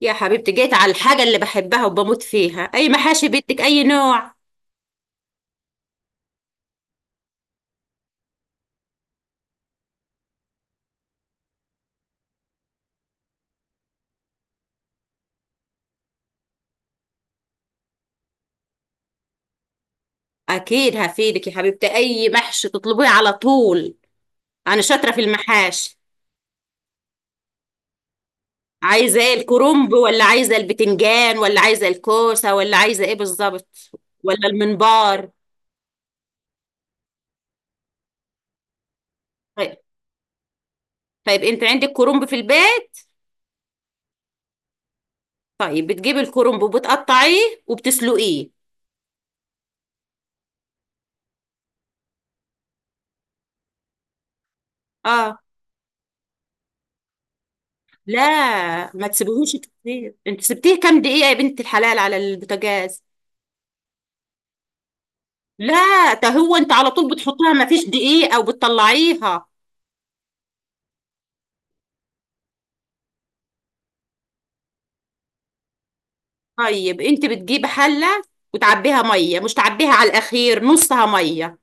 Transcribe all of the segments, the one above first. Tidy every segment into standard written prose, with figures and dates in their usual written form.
يا حبيبتي جيت على الحاجة اللي بحبها وبموت فيها. أي محاشي بدك، أي نوع؟ أكيد هفيدك يا حبيبتي، أي محشي تطلبيه على طول. أنا شاطرة في المحاشي. عايزة إيه، الكرنب ولا عايزة البتنجان ولا عايزة الكوسة ولا عايزة إيه بالظبط؟ ولا المنبار؟ طيب. طيب أنت عندك كرنب في البيت؟ طيب بتجيبي الكرنب وبتقطعيه وبتسلقيه. آه، لا ما تسيبيهوش كتير، أنت سبتيه كام دقيقة يا بنت الحلال على البوتاجاز؟ لا، ده هو انت على طول بتحطيها مفيش دقيق او بتطلعيها؟ طيب انت بتجيبي حله وتعبيها ميه، مش تعبيها على الاخير، نصها ميه،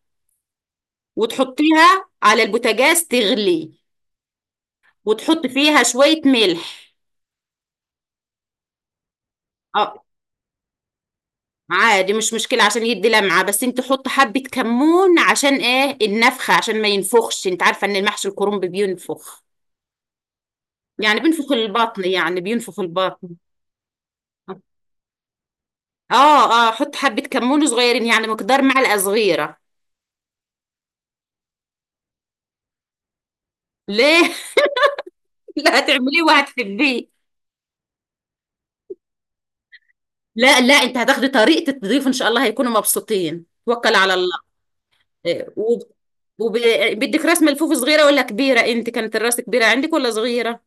وتحطيها على البوتاجاز تغلي، وتحط فيها شويه ملح. اه، عادي مش مشكله عشان يدي لمعه، بس انت حط حبه كمون عشان ايه، النفخه، عشان ما ينفخش، انت عارفه ان المحشي الكرنب بينفخ. يعني بينفخ البطن، يعني بينفخ البطن. اه اه، حط حبه كمون صغيرين يعني مقدار معلقه صغيره. ليه؟ لا، هتعمليه وهتحبيه. لا لا، انت هتاخدي طريقة تضيفه ان شاء الله هيكونوا مبسوطين، توكل على الله. إيه، وب- وب- بدك راس ملفوف صغيرة ولا كبيرة؟ انت كانت الراس كبيرة عندك ولا صغيرة؟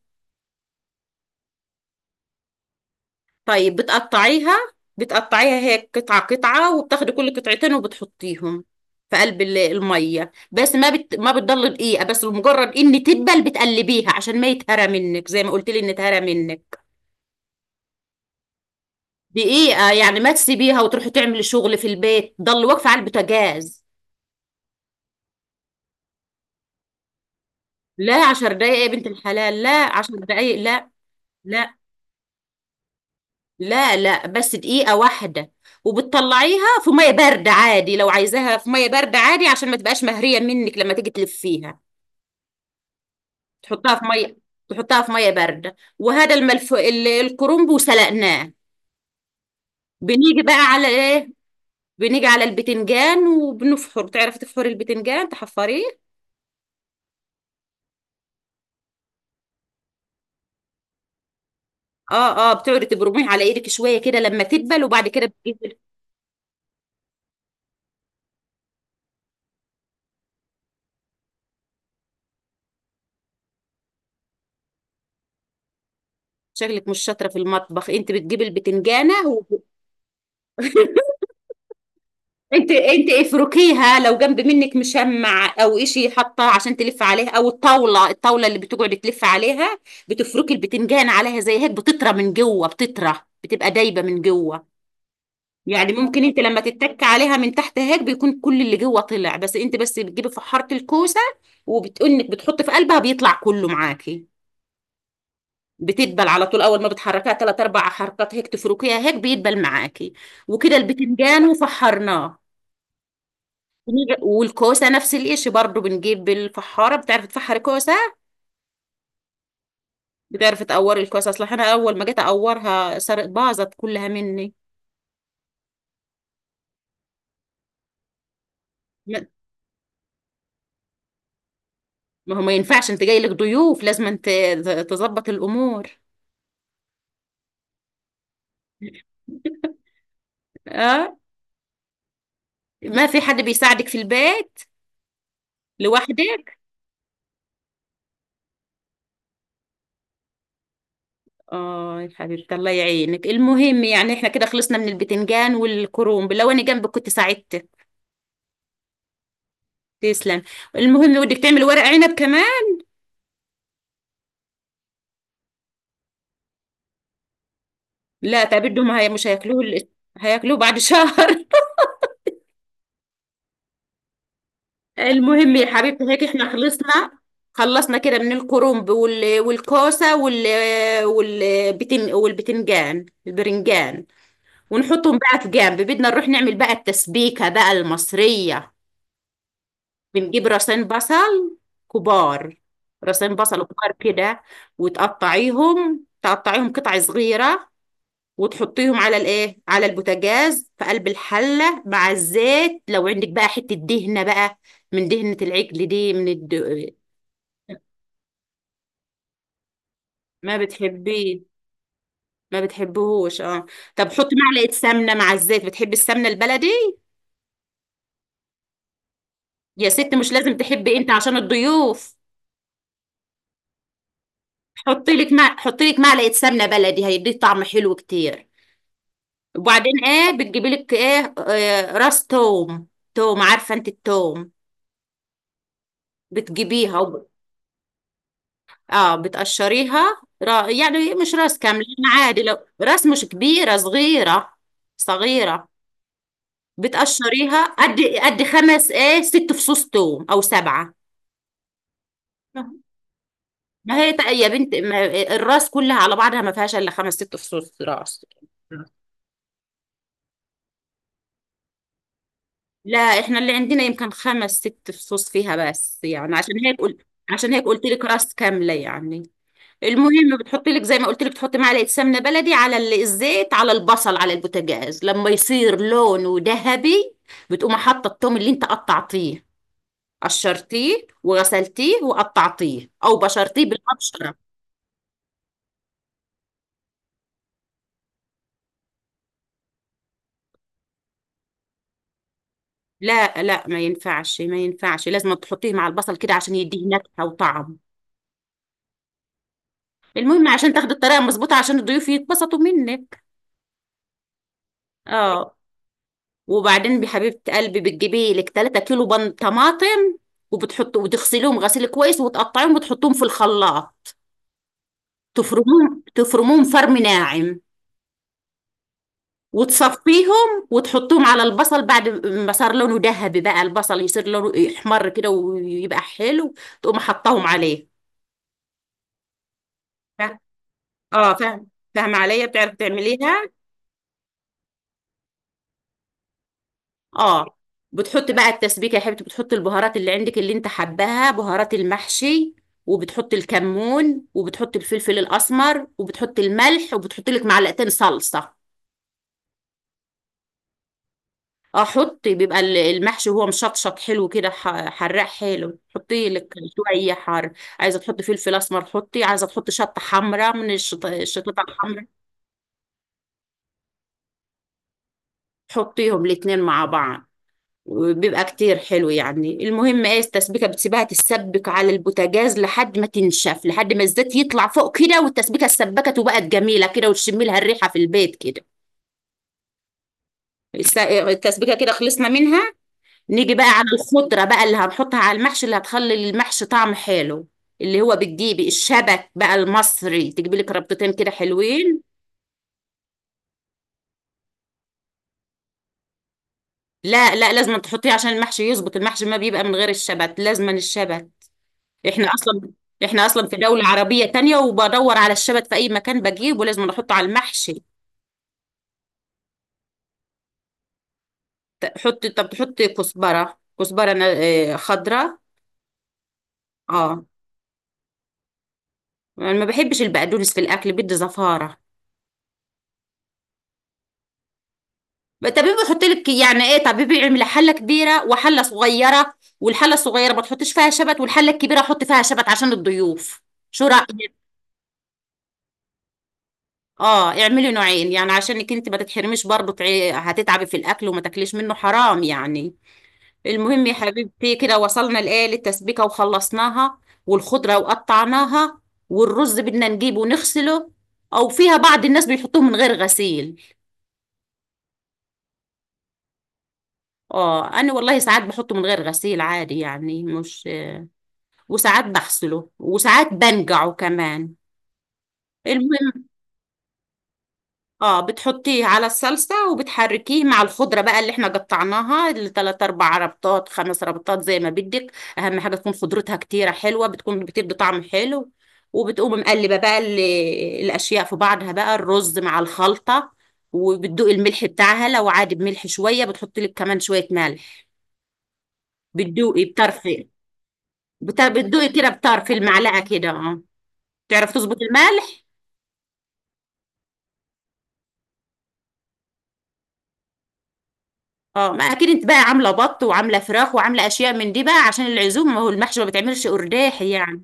طيب بتقطعيها. بتقطعيها هيك قطعة قطعة وبتاخدي كل قطعتين وبتحطيهم في قلب المية، بس ما بتضل دقيقة، بس مجرد ان تدبل بتقلبيها عشان ما يتهرى منك زي ما قلت لي ان اتهرى منك. دقيقة، يعني ما تسيبيها وتروحي تعملي شغل في البيت، ضل واقفة على البوتاجاز. لا 10 دقايق يا بنت الحلال، لا 10 دقايق، لا لا. لا. لا بس دقيقة واحدة. وبتطلعيها في مية باردة عادي، لو عايزاها في مية باردة عادي عشان ما تبقاش مهرية منك لما تيجي تلفيها. تحطها في مية، تحطها في مية باردة، وهذا الملف الكرنب وسلقناه. بنيجي بقى على ايه؟ بنيجي على البتنجان، وبنفحر. تعرفي تفحري البتنجان، تحفريه؟ اه اه، بتقعدي تبرميه على ايدك شوية كده لما تدبل، وبعد كده بتجيبي. شكلك مش شاطرة في المطبخ. انت بتجيبي البتنجانة، انت انت افركيها لو جنب منك مشمع او اشي حاطاه عشان تلف عليها، او الطاوله، الطاوله اللي بتقعد تلف عليها. بتفركي البتنجان عليها زي هيك، بتطرى من جوه، بتطرى، بتبقى دايبه من جوه. يعني ممكن انت لما تتك عليها من تحت هيك بيكون كل اللي جوه طلع. بس انت بس بتجيبي فحاره الكوسه، وبتقنك بتحطي في قلبها بيطلع كله معاكي. بتدبل على طول، اول ما بتحركها ثلاث اربع حركات هيك تفركيها هيك بيدبل معاكي. وكده البتنجان وفحرناه. والكوسه نفس القش برضو، بنجيب الفحاره. بتعرف تفحر كوسه؟ بتعرف تقور الكوسه؟ اصل انا اول ما جيت اقورها سرقت باظت كلها مني. ما ما هو ما ينفعش، انت جاي لك ضيوف لازم انت تظبط الامور. اه، ما في حد بيساعدك في البيت؟ لوحدك؟ اه يا حبيبتي، الله يعينك. المهم يعني احنا كده خلصنا من البتنجان والكرنب. لو انا جنبك كنت ساعدتك. تسلم. المهم بدك تعمل ورق عنب كمان. لا، تعبدهم، هي مش هياكلوه هياكلوه بعد شهر. المهم يا حبيبتي هيك احنا خلصنا، خلصنا كده من الكرنب والكوسة والبتنجان، البرنجان. ونحطهم بقى في جنب، بدنا نروح نعمل بقى التسبيكة بقى المصرية. بنجيب راسين بصل كبار، راسين بصل كبار كده. وتقطعيهم، تقطعيهم قطع صغيرة، وتحطيهم على الايه، على البوتاجاز في قلب الحلة مع الزيت، لو عندك بقى حتة دهنة بقى، من دهنة العجل دي، ما بتحبيه، ما بتحبهوش اه. طب حطي معلقة سمنة مع الزيت، بتحبي السمنة البلدي؟ يا ست مش لازم تحبي انت، عشان الضيوف. حطي لك معلقة سمنة بلدي، هيديك طعم حلو كتير. وبعدين ايه، بتجيبي لك ايه، آه راس توم. توم عارفة انت التوم؟ بتجيبيها اه بتقشريها يعني مش راس كاملة، يعني عادي لو راس مش كبيرة، صغيرة. صغيرة. بتقشريها قد، قد خمس ايه، ست فصوص توم او سبعة. ما هي تق- يا بنت، ما الراس كلها على بعضها ما فيهاش الا خمس ست فصوص راس. لا احنا اللي عندنا يمكن خمس ست فصوص فيها بس، يعني عشان هيك قلت، عشان هيك قلت لك راس كامله يعني. المهم بتحطي لك زي ما قلت لك، تحطي معلقه سمنه بلدي على الزيت على البصل على البوتاجاز، لما يصير لونه ذهبي بتقوم حاطه الثوم اللي انت قطعتيه، قشرتيه وغسلتيه وقطعتيه، او بشرتيه بالمبشره. لا لا ما ينفعش ما ينفعش، لازم تحطيه مع البصل كده عشان يديه نكهة وطعم. المهم عشان تاخدي الطريقة مظبوطة عشان الضيوف يتبسطوا منك. اه، وبعدين بحبيبة قلبي بتجيبي لك 3 كيلو بن طماطم، وبتحط وتغسليهم غسيل كويس وتقطعيهم وتحطيهم في الخلاط، تفرموهم، تفرموهم فرم ناعم، وتصفيهم، وتحطهم على البصل بعد ما صار لونه ذهبي بقى، البصل يصير لونه يحمر كده ويبقى حلو، تقوم حطاهم عليه. اه فاهم، فاهمة عليا، بتعرف تعمليها. اه بتحط بقى التسبيكة يا حبيبتي، بتحط البهارات اللي عندك اللي انت حباها، بهارات المحشي، وبتحط الكمون، وبتحط الفلفل الأسمر، وبتحط الملح، وبتحط لك 2 صلصة. اه حطي، بيبقى المحشي هو مشطشط حلو كده، حراق حلو، حطي لك شوية حار. عايزة تحطي فلفل أسمر حطي، عايزة تحطي شطة حمراء من الشطة الحمراء. حطيهم الاتنين مع بعض، وبيبقى كتير حلو يعني. المهم ايه، التسبيكة بتسيبها تتسبك على البوتاجاز لحد ما تنشف، لحد ما الزيت يطلع فوق كده، والتسبيكة اتسبكت وبقت جميلة كده، وتشمي لها الريحة في البيت كده. التسبيكة كده خلصنا منها. نيجي بقى على الخضرة بقى اللي هنحطها على المحشي، اللي هتخلي المحشي طعم حلو، اللي هو بتجيبي الشبك بقى المصري، تجيبي لك ربطتين كده حلوين. لا لا، لازم تحطيه عشان المحشي يظبط، المحشي ما بيبقى من غير الشبت، لازم الشبت. احنا اصلا، احنا اصلا في دولة عربية تانية وبدور على الشبت في اي مكان بجيبه لازم احطه على المحشي. حط، طب تحط كزبرة، كزبرة، خضرة. اه انا ما بحبش البقدونس في الاكل، بدي زفارة. طب بيحط لك يعني ايه، طب بيعمل حلة كبيرة وحلة صغيرة، والحلة الصغيرة ما تحطش فيها شبت، والحلة الكبيرة حط فيها شبت عشان الضيوف. شو رأيك؟ اه اعملي نوعين، يعني عشانك انت ما تتحرميش برضه، هتتعبي في الاكل وما تاكليش منه حرام يعني. المهم يا حبيبتي كده وصلنا لإيه، للتسبيكة وخلصناها، والخضرة وقطعناها، والرز بدنا نجيبه ونغسله. أو فيها بعض الناس بيحطوه من غير غسيل. اه أنا والله ساعات بحطه من غير غسيل عادي يعني، مش وساعات بغسله وساعات بنقعه كمان. المهم اه بتحطيه على الصلصة، وبتحركيه مع الخضرة بقى اللي احنا قطعناها، التلات اربع ربطات، خمس ربطات زي ما بدك. اهم حاجة تكون خضرتها كتيرة حلوة، بتكون بتدي طعم حلو. وبتقوم مقلبة بقى الاشياء في بعضها بقى، الرز مع الخلطة، وبتدوقي الملح بتاعها لو عادي بملح شوية، بتحطي لك كمان شوية ملح. بتدوقي بطرف، بتدوقي كده بطرف المعلقة كده اه. تعرف تظبط الملح. اه ما اكيد انت بقى عامله بط وعامله فراخ وعامله اشياء من دي بقى عشان العزومه، ما هو المحشي ما بتعملش قرداح يعني.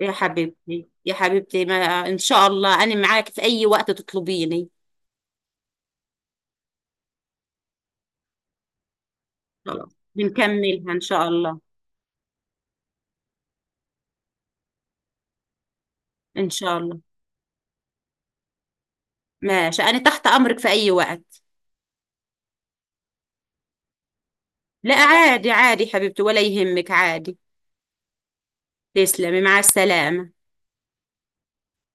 يا حبيبتي، يا حبيبتي، ما ان شاء الله انا معاك في اي وقت تطلبيني. خلاص بنكملها ان شاء الله. ان شاء الله. ماشي، انا تحت امرك في اي وقت. لا عادي عادي حبيبتي، ولا يهمك عادي. تسلمي مع السلامه.